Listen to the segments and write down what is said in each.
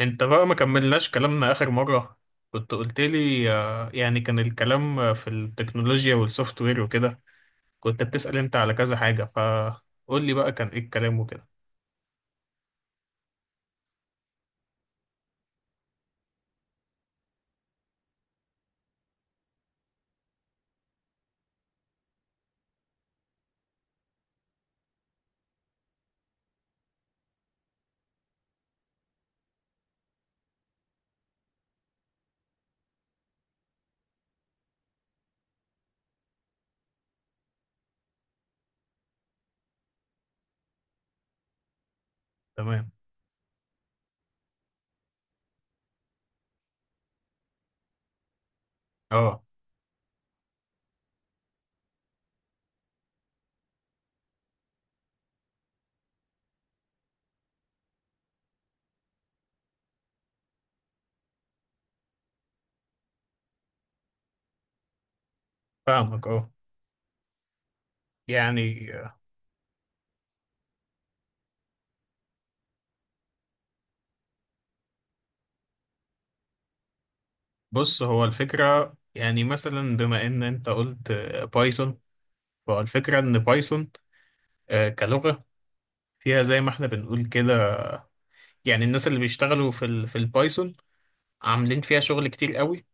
انت بقى ما كملناش كلامنا اخر مرة. كنت قلت لي يعني كان الكلام في التكنولوجيا والسوفت وير وكده. كنت بتسأل انت على كذا حاجة، فقول لي بقى كان ايه الكلام وكده. تمام. اه، فاهمك. اه، يعني آه، بص، هو الفكرة يعني مثلا بما ان انت قلت بايثون. فالفكرة ان بايثون كلغة فيها زي ما احنا بنقول كده. يعني الناس اللي بيشتغلوا في البايثون عاملين فيها شغل كتير قوي.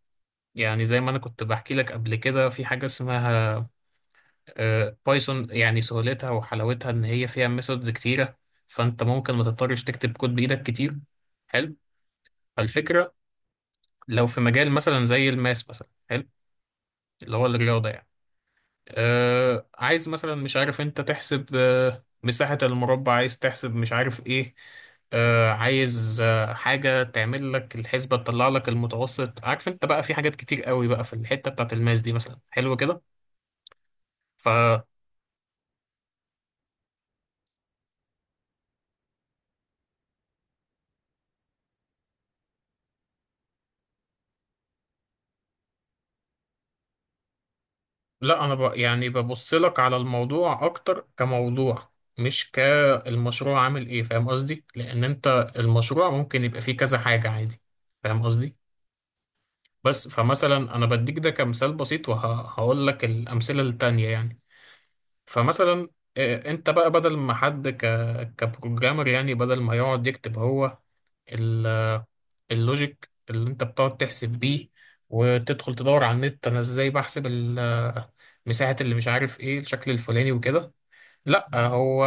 يعني زي ما انا كنت بحكي لك قبل كده في حاجة اسمها بايثون، يعني سهولتها وحلاوتها ان هي فيها ميثودز كتيرة، فانت ممكن ما تضطرش تكتب كود بايدك كتير. حلو. فالفكرة، لو في مجال مثلا زي الماس مثلا، حلو، اللي هو الرياضة يعني. آه عايز مثلا، مش عارف، انت تحسب آه مساحة المربع، عايز تحسب مش عارف ايه. آه عايز آه حاجة تعمل لك الحسبة تطلع لك المتوسط، عارف؟ انت بقى في حاجات كتير قوي بقى في الحتة بتاعت الماس دي، مثلا، حلو كده. لا، انا يعني ببص لك على الموضوع اكتر كموضوع، مش كالمشروع عامل ايه، فاهم قصدي؟ لان انت المشروع ممكن يبقى فيه كذا حاجة عادي. فاهم قصدي. بس فمثلا انا بديك ده كمثال بسيط وهقول لك الامثلة التانية يعني. فمثلا انت بقى بدل ما كبروجرامر، يعني بدل ما يقعد يكتب هو اللوجيك اللي انت بتقعد تحسب بيه وتدخل تدور على النت انا ازاي بحسب مساحة اللي مش عارف ايه الشكل الفلاني وكده. لا، هو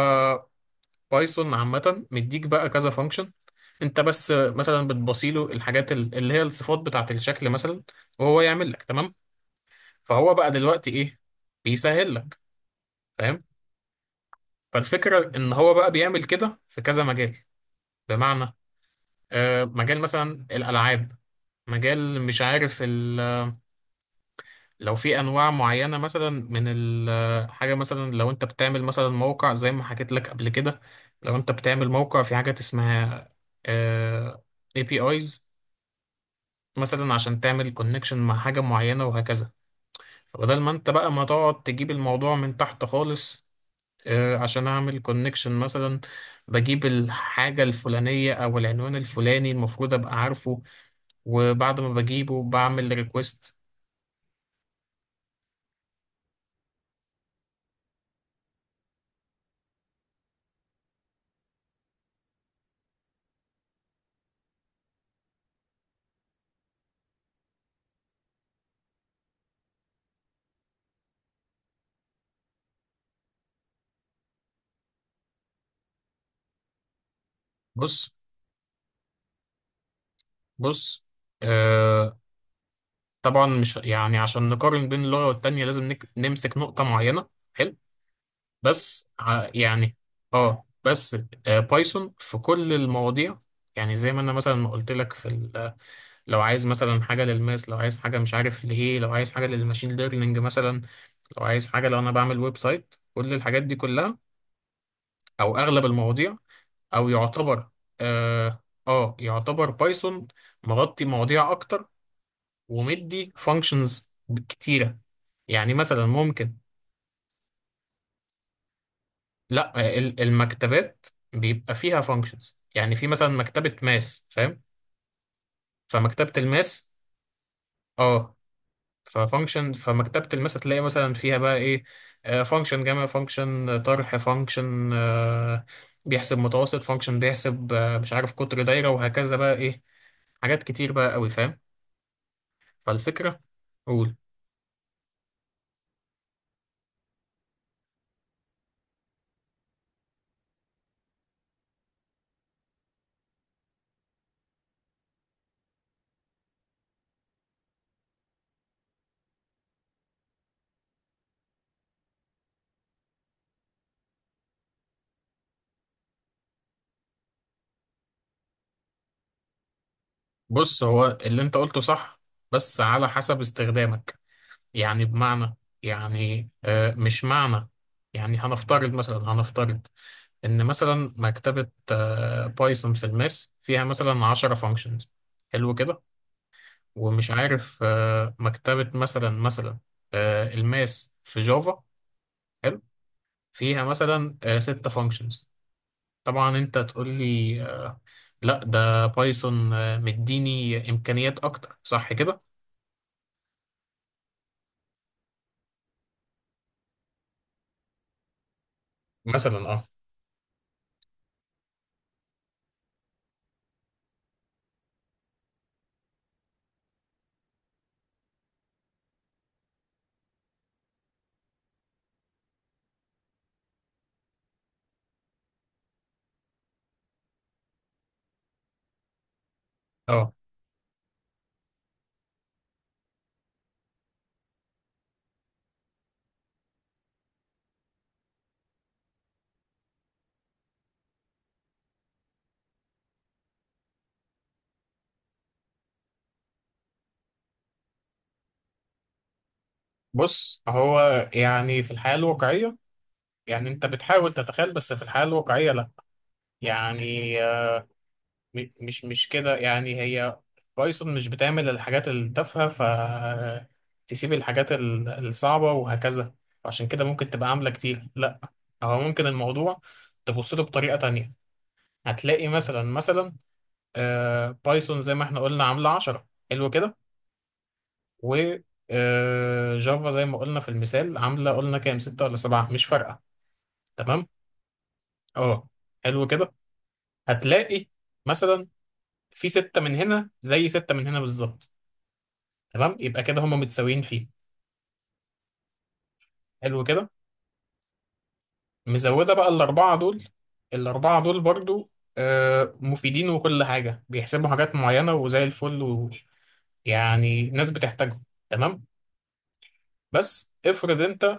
بايثون عامة مديك بقى كذا فانكشن. انت بس مثلا بتبصيله الحاجات اللي هي الصفات بتاعة الشكل مثلا، وهو يعمل لك. تمام. فهو بقى دلوقتي ايه، بيسهل لك. فاهم. فالفكرة ان هو بقى بيعمل كده في كذا مجال. بمعنى مجال مثلا الالعاب، مجال مش عارف. لو في انواع معينه مثلا من الحاجه، مثلا لو انت بتعمل مثلا موقع زي ما حكيت لك قبل كده، لو انت بتعمل موقع في حاجات اسمها آه، APIs مثلا عشان تعمل كونكشن مع حاجه معينه وهكذا. فبدل ما انت بقى ما تقعد تجيب الموضوع من تحت خالص، عشان اعمل كونكشن مثلا، بجيب الحاجه الفلانيه او العنوان الفلاني المفروض ابقى عارفه، وبعد ما بجيبه بعمل ريكوست. بص بص، آه، طبعا مش يعني عشان نقارن بين اللغة والتانية لازم نمسك نقطة معينة، حلو. يعني اه، بس آه، بايثون في كل المواضيع، يعني زي ما انا مثلا ما قلت لك لو عايز مثلا حاجة للماس، لو عايز حاجة مش عارف ليه، لو عايز حاجة للماشين ليرنينج مثلا، لو عايز حاجة، لو انا بعمل ويب سايت، كل الحاجات دي كلها او اغلب المواضيع، او يعتبر اه, يعتبر بايثون مغطي مواضيع اكتر ومدي فانكشنز كتيرة. يعني مثلا ممكن، لا، المكتبات بيبقى فيها فانكشنز، يعني في مثلا مكتبة ماس، فاهم. فمكتبة الماس، اه، ففانكشن فمكتبة الماس هتلاقي مثلا فيها بقى ايه، فانكشن جمع، فانكشن طرح، فانكشن بيحسب متوسط، فانكشن بيحسب مش عارف، قطر دايرة، وهكذا بقى ايه، حاجات كتير بقى قوي. فاهم. فالفكرة. قول. بص، هو اللي انت قلته صح بس على حسب استخدامك. يعني بمعنى، مش معنى، يعني هنفترض مثلا، هنفترض إن مثلا مكتبة بايثون في الماس فيها مثلا 10 فانكشنز، حلو كده، ومش عارف مكتبة مثلا، الماس في جافا، حلو، فيها مثلا 6 فانكشنز. طبعا انت تقول لي لا ده بايثون مديني امكانيات اكتر، صح كده؟ مثلا اه. اه، بص هو يعني في الحياة الواقعية، يعني انت بتحاول تتخيل، بس في الحياة الواقعية لا. يعني مش كده، يعني هي بايثون مش بتعمل الحاجات التافهة فتسيب الحاجات الصعبة وهكذا، عشان كده ممكن تبقى عاملة كتير. لا، هو ممكن الموضوع تبص له بطريقة تانية. هتلاقي مثلا بايثون زي ما احنا قلنا عاملة 10، حلو كده. و جافا زي ما قلنا في المثال عاملة، قلنا كام، ستة ولا سبعة مش فارقة. تمام. اه، حلو كده. هتلاقي مثلا في ستة من هنا زي ستة من هنا بالظبط. تمام، يبقى كده هما متساويين فيه. حلو كده، مزودة بقى الأربعة دول، الأربعة دول برضو مفيدين وكل حاجة، بيحسبوا حاجات معينة وزي الفل، ويعني ناس بتحتاجهم. تمام. بس افرض انت،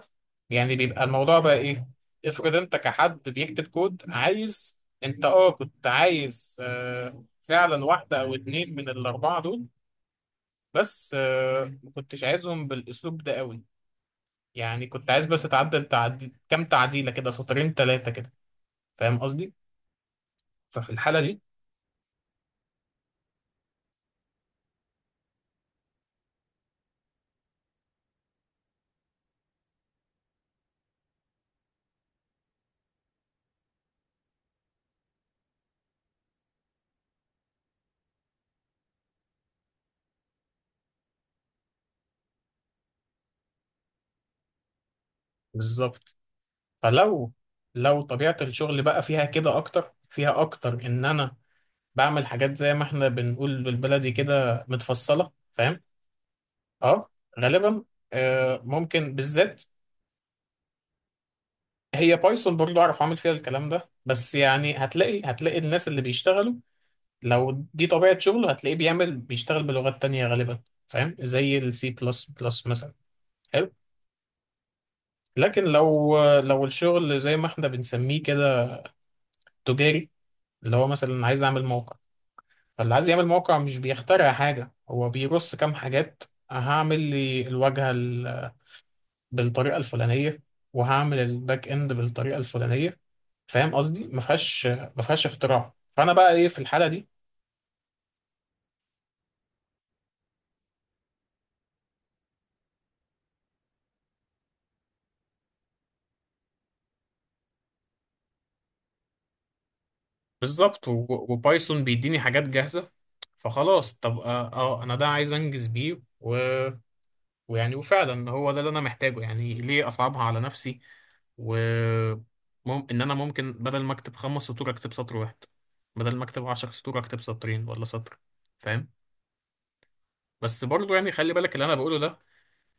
يعني بيبقى الموضوع بقى ايه، افرض انت كحد بيكتب كود عايز. انت اه، كنت عايز فعلا واحدة او اتنين من الأربعة دول، بس ما كنتش عايزهم بالاسلوب ده قوي. يعني كنت عايز بس اتعدل تعدي كام تعديله كده، سطرين ثلاثه كده، فاهم قصدي. ففي الحاله دي بالظبط. فلو طبيعه الشغل بقى فيها كده اكتر، فيها اكتر ان انا بعمل حاجات زي ما احنا بنقول بالبلدي كده متفصله، فاهم. اه، غالبا ممكن بالذات، هي بايثون برضو اعرف اعمل فيها الكلام ده. بس يعني هتلاقي الناس اللي بيشتغلوا، لو دي طبيعة شغله، هتلاقيه بيعمل بيشتغل بلغات تانية غالبا. فاهم، زي السي بلس بلس مثلا. حلو. لكن لو الشغل زي ما احنا بنسميه كده تجاري، اللي هو مثلا عايز اعمل موقع. فاللي عايز يعمل موقع مش بيخترع حاجة، هو بيرص كام حاجات. هعمل لي الواجهة بالطريقة الفلانية، وهعمل الباك اند بالطريقة الفلانية. فاهم قصدي، ما فيهاش اختراع، فانا بقى ايه في الحالة دي؟ بالظبط. وبايثون بيديني حاجات جاهزة. فخلاص، طب اه، انا ده عايز انجز بيه، و... ويعني وفعلا هو ده اللي انا محتاجه، يعني ليه اصعبها على نفسي؟ و ان انا ممكن بدل ما اكتب خمس سطور اكتب سطر واحد، بدل ما اكتب عشر سطور اكتب سطرين ولا سطر. فاهم. بس برضو يعني خلي بالك، اللي انا بقوله ده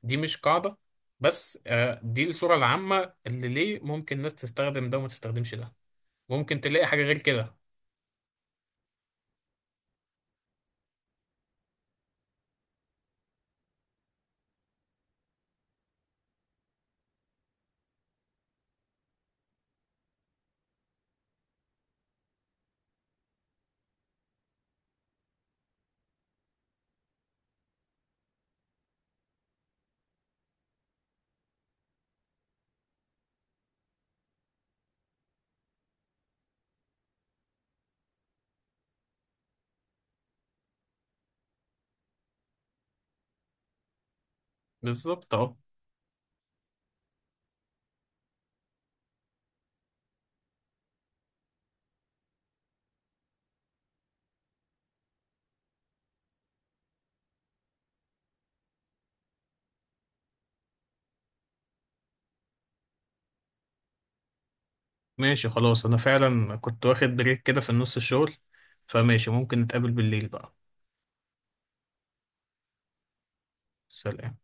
دي مش قاعدة، بس دي الصورة العامة اللي ليه ممكن ناس تستخدم ده وما تستخدمش ده، ممكن تلاقي حاجة غير كده. بالظبط اه. ماشي، خلاص، انا فعلا كنت واخد بريك كده في النص الشغل، فماشي ممكن نتقابل بالليل بقى. سلام.